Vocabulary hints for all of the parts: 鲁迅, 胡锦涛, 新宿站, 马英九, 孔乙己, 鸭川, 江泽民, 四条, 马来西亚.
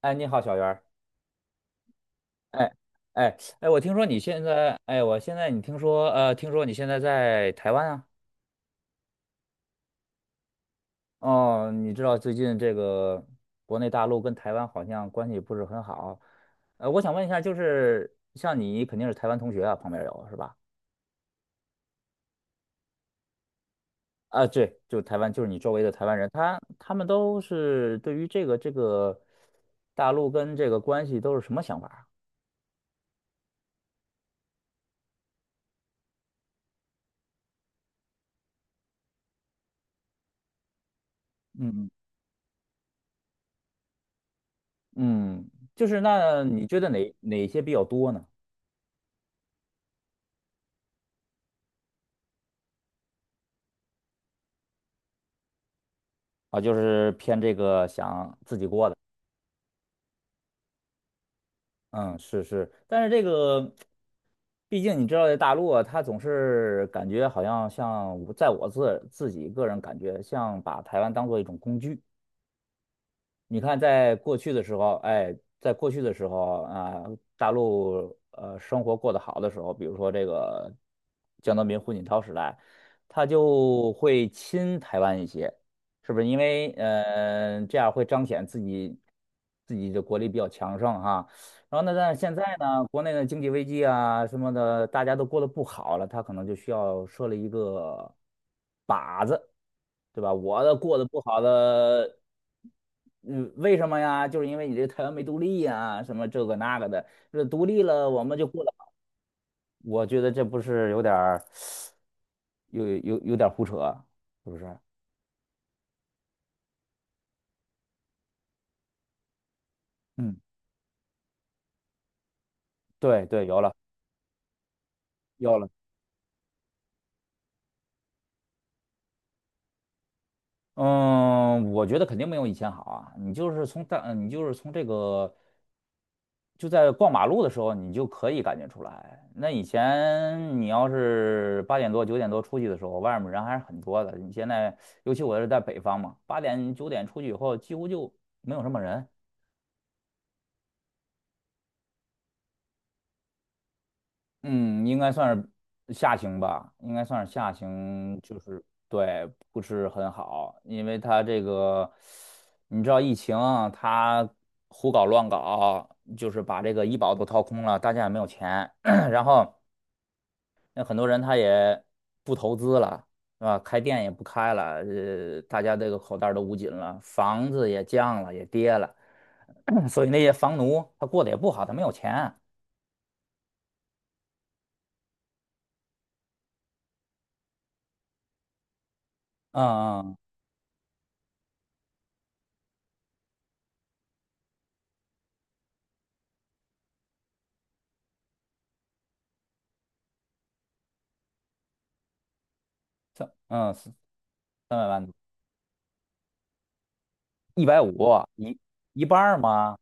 哎，你好，小袁儿。哎，哎，我听说你现在，我现在你听说，听说你现在在台湾啊？哦，你知道最近这个国内大陆跟台湾好像关系不是很好。我想问一下，就是像你肯定是台湾同学啊，旁边有是吧？啊，对，就台湾，就是你周围的台湾人，他们都是对于这个大陆跟这个关系都是什么想法啊？嗯嗯，就是那你觉得哪些比较多呢？啊，就是偏这个想自己过的，嗯，是是，但是这个，毕竟你知道，在大陆啊，他总是感觉好像我自己个人感觉，像把台湾当做一种工具，你看，在过去的时候啊，大陆生活过得好的时候，比如说这个江泽民、胡锦涛时代，他就会亲台湾一些，是不是？因为这样会彰显自己的国力比较强盛哈。然后呢，但是现在呢，国内的经济危机啊什么的，大家都过得不好了，他可能就需要设立一个靶子。对吧？我的过得不好的，嗯，为什么呀？就是因为你这个台湾没独立呀，什么这个那个的，这独立了我们就过了。我觉得这不是有点儿，有点儿胡扯，是不是？嗯，对对，有了有了。嗯，我觉得肯定没有以前好啊。你就是从这个。就在逛马路的时候，你就可以感觉出来。那以前你要是8点多9点多出去的时候，外面人还是很多的。你现在，尤其我是在北方嘛，8点9点出去以后，几乎就没有什么人。嗯，应该算是下行吧，应该算是下行，就是对，不是很好，因为它这个，你知道疫情啊它胡搞乱搞，就是把这个医保都掏空了，大家也没有钱，然后。那很多人他也不投资了，是吧？开店也不开了，大家这个口袋儿都捂紧了，房子也降了，也跌了，所以那些房奴他过得也不好，他没有钱。嗯嗯，三嗯三三百万，一百五，一一半儿嘛，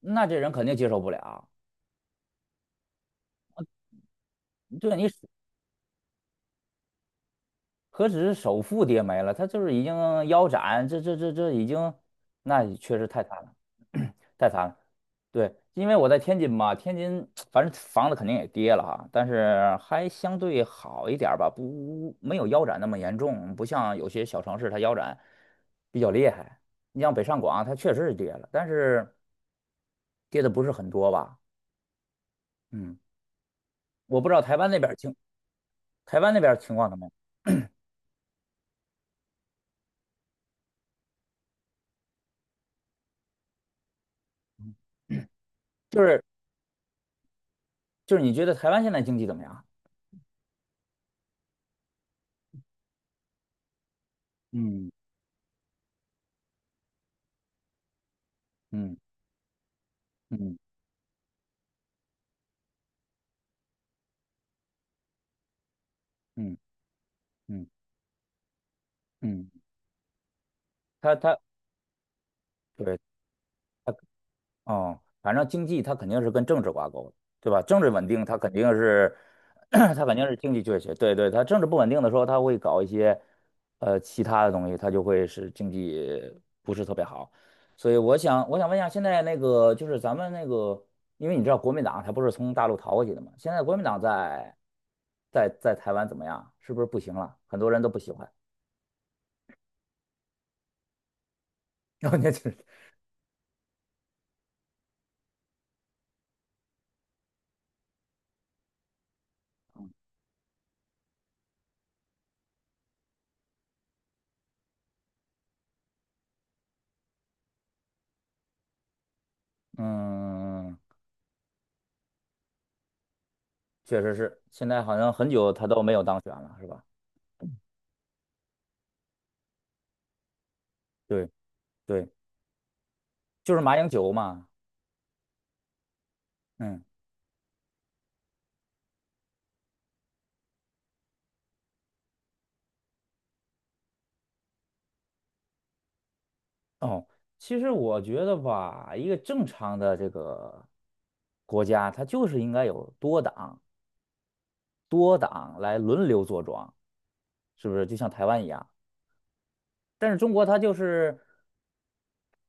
那这人肯定接受不了。对。你何止是首付跌没了，它就是已经腰斩，这已经，那确实太惨了，太惨了。对，因为我在天津嘛，天津 反正房子肯定也跌了哈，但是还相对好一点儿吧，不没有腰斩那么严重，不像有些小城市它腰斩比较厉害。你像北上广，它确实是跌了，但是跌的不是很多吧？嗯，我不知道台湾那边经，台湾那边儿情况怎么样？就是就是你觉得台湾现在经济怎么样？嗯。嗯嗯。嗯嗯嗯，他他对他哦，反正经济他肯定是跟政治挂钩的，对吧？政治稳定，他肯定是 他肯定是经济缺血。对对，他政治不稳定的时候，它会搞一些其他的东西，他就会使经济不是特别好。所以我想问一下，现在那个就是咱们那个，因为你知道国民党他不是从大陆逃过去的嘛？现在国民党在台湾怎么样？是不是不行了？很多人都不喜欢。然后你就是嗯。确实是，现在好像很久他都没有当选了，是吧？对对，就是马英九嘛。嗯，哦，其实我觉得吧，一个正常的这个国家，它就是应该有多党，多党来轮流坐庄，是不是？就像台湾一样，但是中国它就是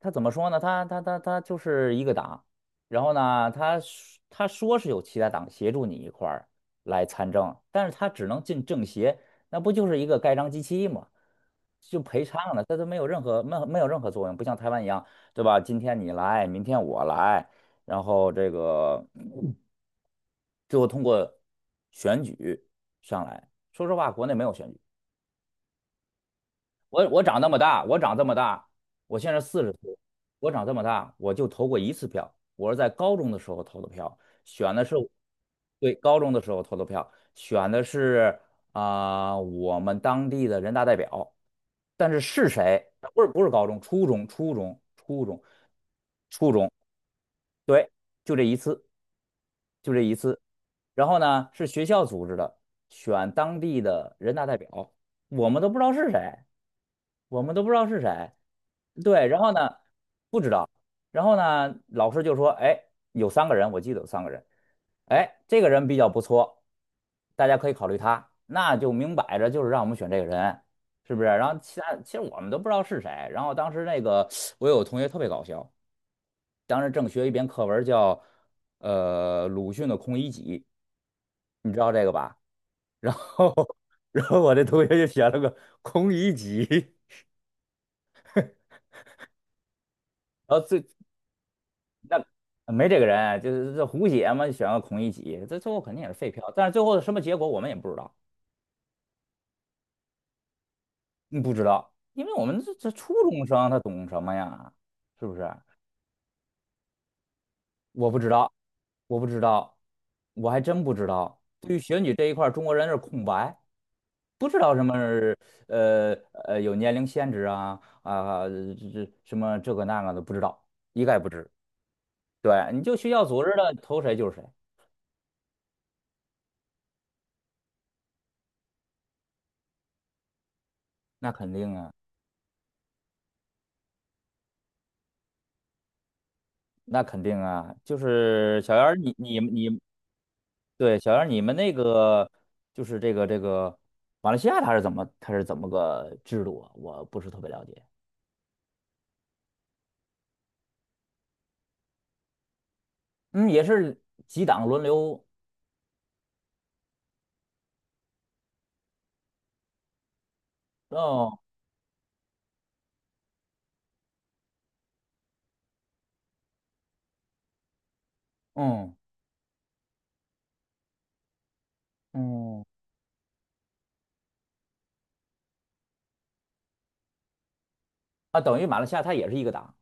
他怎么说呢？他就是一个党，然后呢，他说是有其他党协助你一块儿来参政，但是他只能进政协，那不就是一个盖章机器吗？就陪唱了，他都没有任何没有没有任何作用，不像台湾一样，对吧？今天你来，明天我来，然后这个最后通过选举上来。说实话，国内没有选举。我长那么大，我长这么大，我现在40岁，我长这么大，我就投过一次票，我是在高中的时候投的票，选的是，对，高中的时候投的票，选的是啊、我们当地的人大代表，但是是谁？不是高中，初中，初中，初中，初中，对，就这一次，就这一次。然后呢，是学校组织的，选当地的人大代表，我们都不知道是谁。我们都不知道是谁。对，然后呢，不知道，然后呢，老师就说，哎，有三个人，我记得有三个人，哎，这个人比较不错，大家可以考虑他，那就明摆着就是让我们选这个人，是不是？然后其他其实我们都不知道是谁，然后当时那个我有个同学特别搞笑，当时正学一篇课文叫鲁迅的《孔乙己》，你知道这个吧？然后 然后我这同学就写了个《孔乙己》，然后那没这个人啊，就是这胡写嘛，选个孔乙己，这最后肯定也是废票。但是最后什么结果我们也不知道，嗯，不知道，因为我们这初中生他懂什么呀？是不是？我不知道，我不知道，我还真不知道。对于选举这一块儿中国人是空白，不知道什么呃有年龄限制啊、这什么这个那个的不知道，一概不知。对，你就学校组织的投谁就是谁，那肯定啊。那肯定啊，就是小杨儿你你你对，小杨儿你们那个就是这个马来西亚它是怎么个制度啊？我不是特别了解。嗯，也是几党轮流哦，嗯嗯啊，等于马来西亚它也是一个党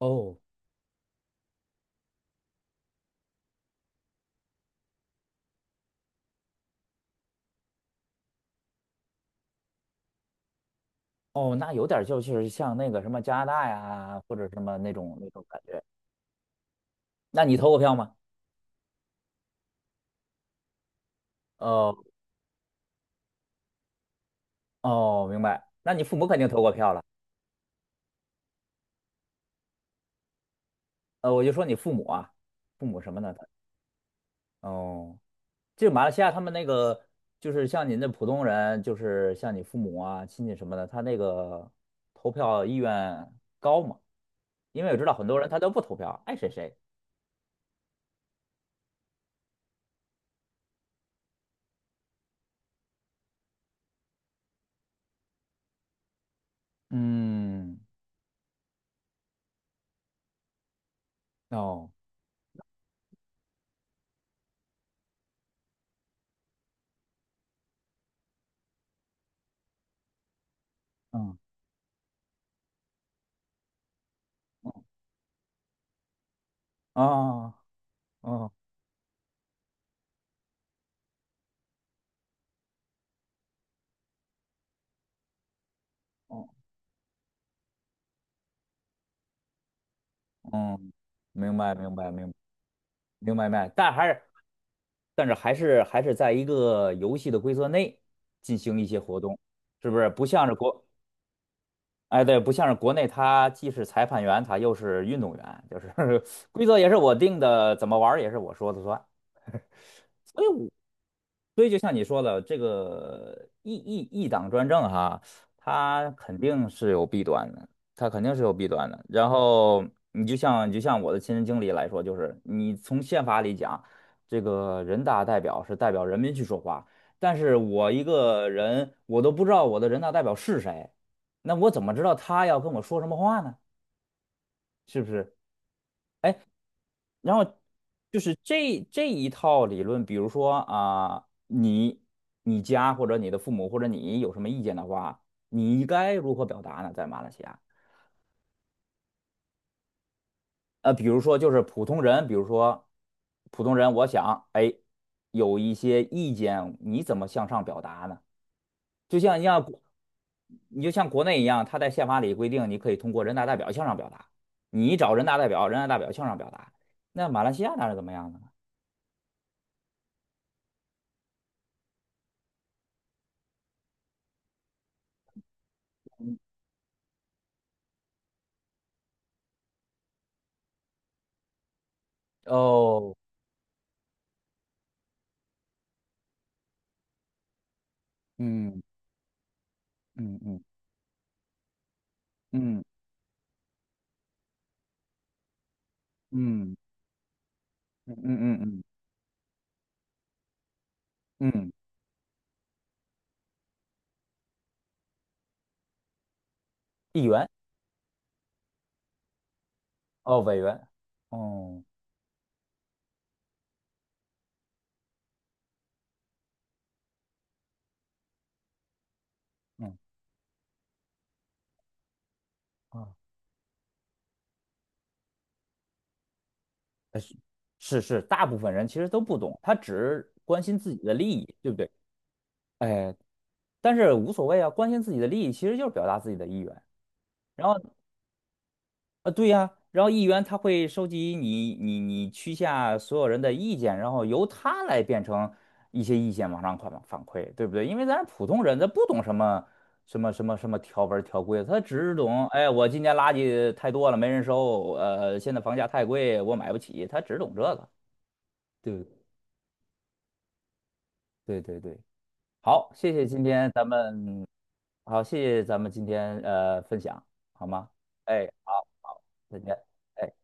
哦哦，那有点儿就是像那个什么加拿大呀或者什么那种那种感觉。那你投过票吗？哦哦，明白。那你父母肯定投过票了。我就说你父母啊，父母什么呢？哦。就马来西亚他们那个就是像您的普通人，就是像你父母啊、亲戚什么的，他那个投票意愿高吗？因为我知道很多人他都不投票，爱谁谁。嗯，哦，嗯，哦，哦，哦，嗯，明白，明白，明白明白，明白，但是还是在一个游戏的规则内进行一些活动，是不是？不像是国，哎，对，不像是国内，他既是裁判员，他又是运动员，就是 规则也是我定的，怎么玩儿也是我说的算。所以我所以就像你说的，这个一党专政哈，它肯定是有弊端的，它肯定是有弊端的。然后你就像我的亲身经历来说，就是你从宪法里讲，这个人大代表是代表人民去说话，但是我一个人，我都不知道我的人大代表是谁，那我怎么知道他要跟我说什么话呢？是不是？然后就是这一套理论，比如说啊、你家或者你的父母或者你有什么意见的话，你该如何表达呢？在马来西亚，比如说就是普通人，比如说普通人，我想哎，有一些意见，你怎么向上表达呢？就像像像国你就像国内一样，他在宪法里规定，你可以通过人大代表向上表达，你找人大代表，人大代表向上表达。那马来西亚那是怎么样的呢？哦，嗯嗯嗯嗯嗯嗯嗯嗯嗯，议员哦，委员，哦，嗯啊，是是是，大部分人其实都不懂，他只关心自己的利益，对不对？哎，但是无所谓啊，关心自己的利益其实就是表达自己的意愿。然后。啊，对呀，然后议员他会收集你区下所有人的意见，然后由他来变成一些意见往上反馈，对不对？因为咱普通人他不懂什么条文条规，他只懂哎，我今年垃圾太多了，没人收，现在房价太贵，我买不起，他只懂这个，对不对？对对对，好，谢谢今天咱们，好，谢谢咱们今天分享，好吗？哎，好，再见。哎。